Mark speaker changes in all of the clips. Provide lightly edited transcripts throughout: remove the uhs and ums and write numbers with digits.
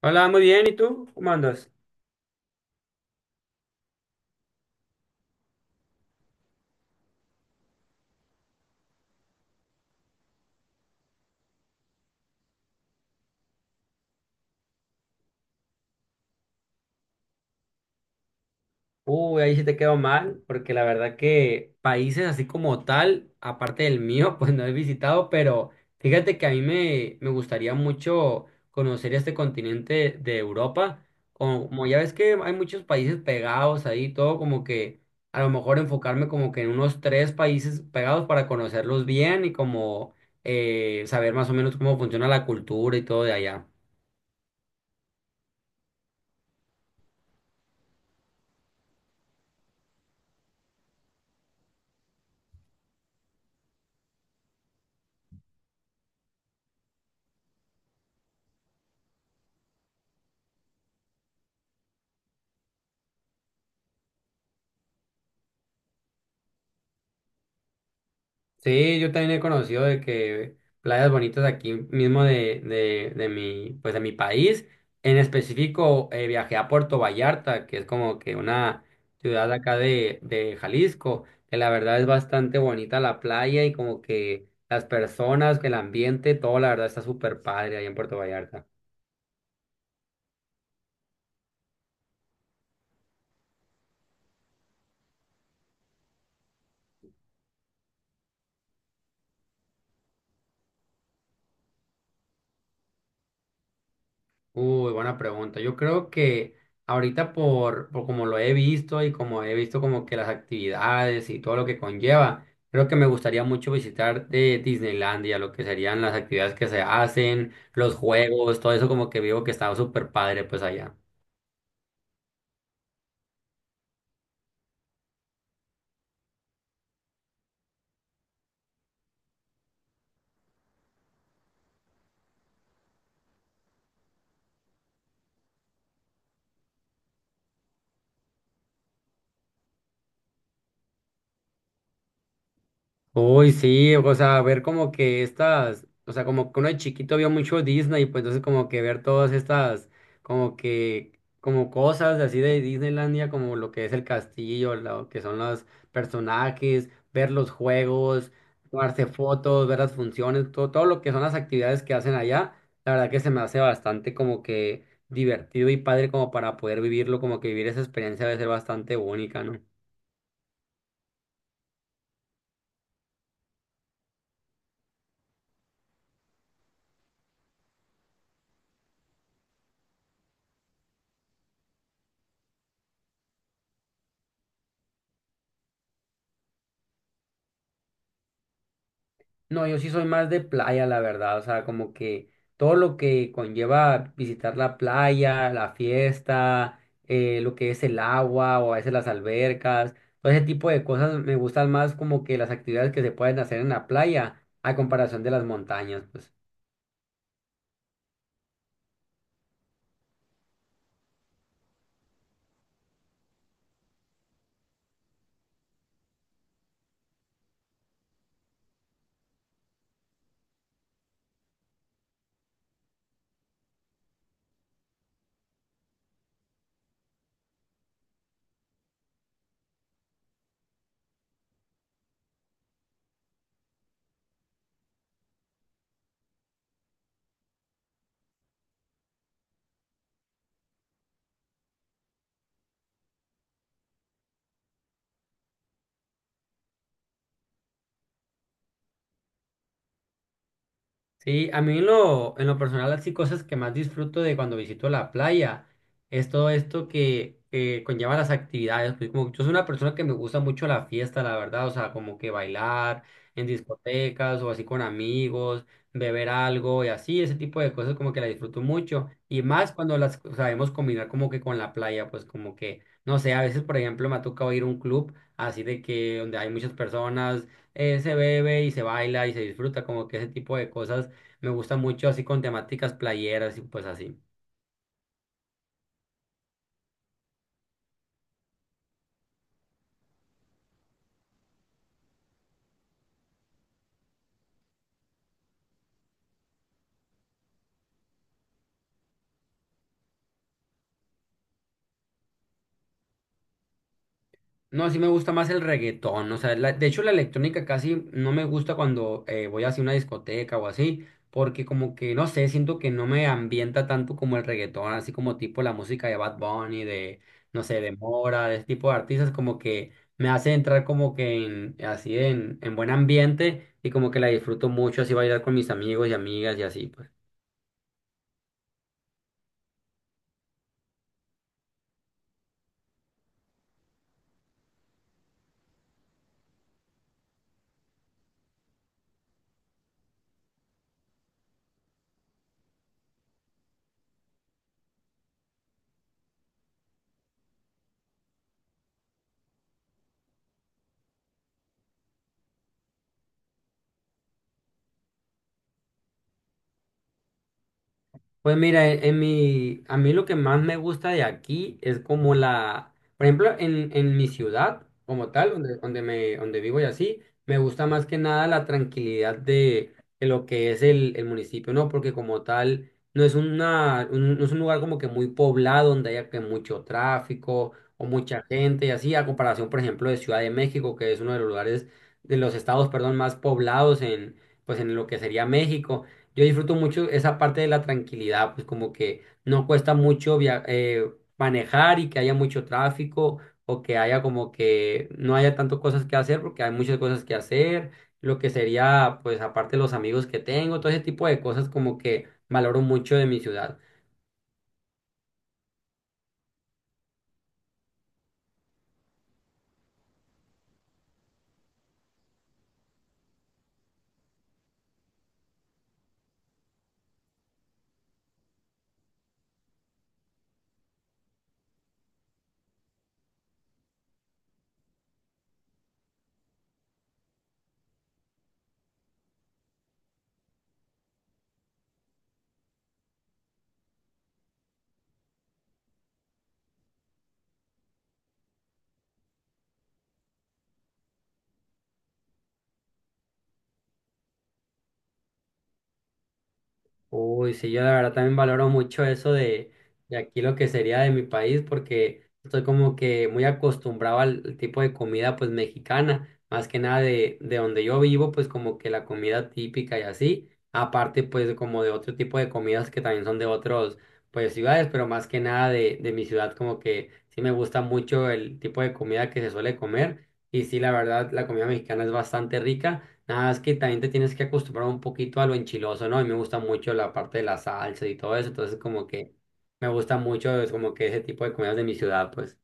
Speaker 1: Hola, muy bien. ¿Y tú? ¿Cómo andas? Uy, ahí sí te quedó mal, porque la verdad que países así como tal, aparte del mío, pues no he visitado, pero fíjate que a mí me gustaría mucho conocer este continente de Europa. Como ya ves que hay muchos países pegados ahí, todo como que a lo mejor enfocarme como que en unos tres países pegados para conocerlos bien y como saber más o menos cómo funciona la cultura y todo de allá. Sí, yo también he conocido de que playas bonitas aquí mismo de mi, pues de mi país. En específico, viajé a Puerto Vallarta, que es como que una ciudad acá de Jalisco, que la verdad es bastante bonita la playa y como que las personas, el ambiente, todo la verdad está súper padre ahí en Puerto Vallarta. Uy, buena pregunta. Yo creo que ahorita por como lo he visto y como he visto como que las actividades y todo lo que conlleva, creo que me gustaría mucho visitar de Disneylandia, lo que serían las actividades que se hacen, los juegos, todo eso como que veo que está súper padre pues allá. Uy, sí, o sea, ver como que estas, o sea, como que uno de chiquito vio mucho Disney, pues entonces como que ver todas estas, como que, como cosas así de Disneylandia, como lo que es el castillo, lo que son los personajes, ver los juegos, tomarse fotos, ver las funciones, todo, todo lo que son las actividades que hacen allá, la verdad que se me hace bastante como que divertido y padre como para poder vivirlo, como que vivir esa experiencia debe ser bastante única, ¿no? No, yo sí soy más de playa, la verdad. O sea, como que todo lo que conlleva visitar la playa, la fiesta, lo que es el agua o a veces las albercas, todo ese tipo de cosas me gustan más como que las actividades que se pueden hacer en la playa a comparación de las montañas, pues. Sí, a mí en lo personal, así cosas que más disfruto de cuando visito la playa es todo esto que conlleva las actividades. Pues como yo soy una persona que me gusta mucho la fiesta, la verdad, o sea, como que bailar en discotecas o así con amigos, beber algo y así, ese tipo de cosas como que la disfruto mucho. Y más cuando las sabemos combinar como que con la playa, pues como que, no sé, a veces, por ejemplo, me ha tocado ir a un club así de que donde hay muchas personas, se bebe y se baila y se disfruta como que ese tipo de cosas me gusta mucho así con temáticas playeras y pues así. No, sí me gusta más el reggaetón, o sea, la- de hecho la electrónica casi no me gusta cuando voy hacia una discoteca o así, porque como que, no sé, siento que no me ambienta tanto como el reggaetón, así como tipo la música de Bad Bunny, de, no sé, de Mora, de ese tipo de artistas, como que me hace entrar como que en, así en buen ambiente y como que la disfruto mucho, así bailar con mis amigos y amigas y así, pues. Pues mira, e- en mi, a mí lo que más me gusta de aquí es como la, por ejemplo, en mi ciudad como tal, donde, donde me, donde vivo y así, me gusta más que nada la tranquilidad de lo que es el municipio, ¿no? Porque como tal, no es una, un, no es un lugar como que muy poblado, donde haya que mucho tráfico o mucha gente y así, a comparación, por ejemplo, de Ciudad de México, que es uno de los lugares, de los estados, perdón, más poblados en, pues en lo que sería México. Yo disfruto mucho esa parte de la tranquilidad, pues como que no cuesta mucho via- manejar y que haya mucho tráfico o que haya como que no haya tanto cosas que hacer porque hay muchas cosas que hacer, lo que sería pues aparte los amigos que tengo, todo ese tipo de cosas como que valoro mucho de mi ciudad. Uy, sí, yo la verdad también valoro mucho eso de aquí lo que sería de mi país, porque estoy como que muy acostumbrado al, al tipo de comida pues mexicana, más que nada de, de donde yo vivo, pues como que la comida típica y así, aparte pues como de otro tipo de comidas que también son de otros pues ciudades, pero más que nada de, de mi ciudad como que sí me gusta mucho el tipo de comida que se suele comer y sí, la verdad la comida mexicana es bastante rica. Nada, es que también te tienes que acostumbrar un poquito a lo enchiloso, ¿no? A mí me gusta mucho la parte de la salsa y todo eso, entonces como que me gusta mucho, es como que ese tipo de comidas de mi ciudad, pues.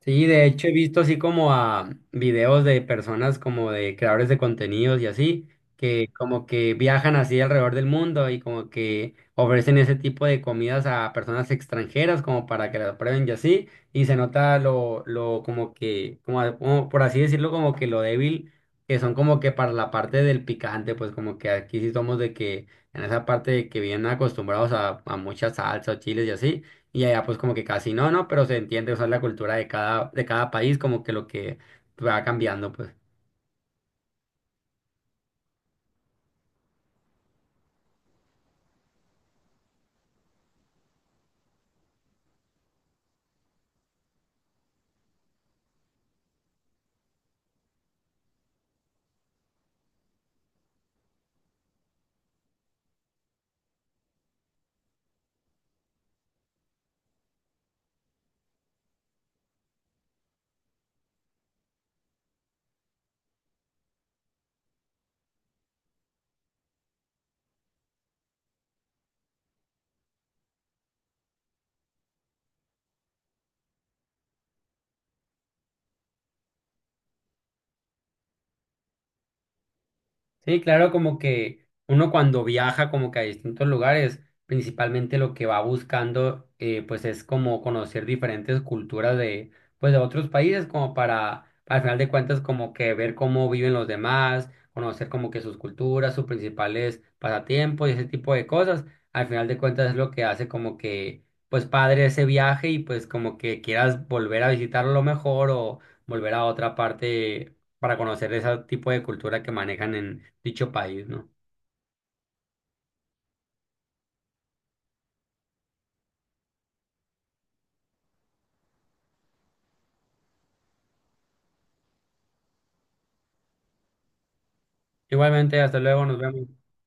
Speaker 1: Sí, de hecho he visto así como a videos de personas como de creadores de contenidos y así, que como que viajan así alrededor del mundo y como que ofrecen ese tipo de comidas a personas extranjeras como para que las prueben y así, y se nota lo como que, como, a- como por así decirlo, como que lo débil que son como que para la parte del picante, pues como que aquí sí somos de que en esa parte de que vienen acostumbrados a mucha salsa o chiles y así y allá pues como que casi no, no, pero se entiende, o sea, la cultura de cada país como que lo que va cambiando, pues. Sí, claro, como que uno cuando viaja como que a distintos lugares, principalmente lo que va buscando pues es como conocer diferentes culturas de pues de otros países como para al final de cuentas como que ver cómo viven los demás, conocer como que sus culturas, sus principales pasatiempos y ese tipo de cosas. Al final de cuentas es lo que hace como que pues padre ese viaje y pues como que quieras volver a visitarlo mejor o volver a otra parte para conocer ese tipo de cultura que manejan en dicho país, ¿no? Igualmente, hasta luego, nos vemos.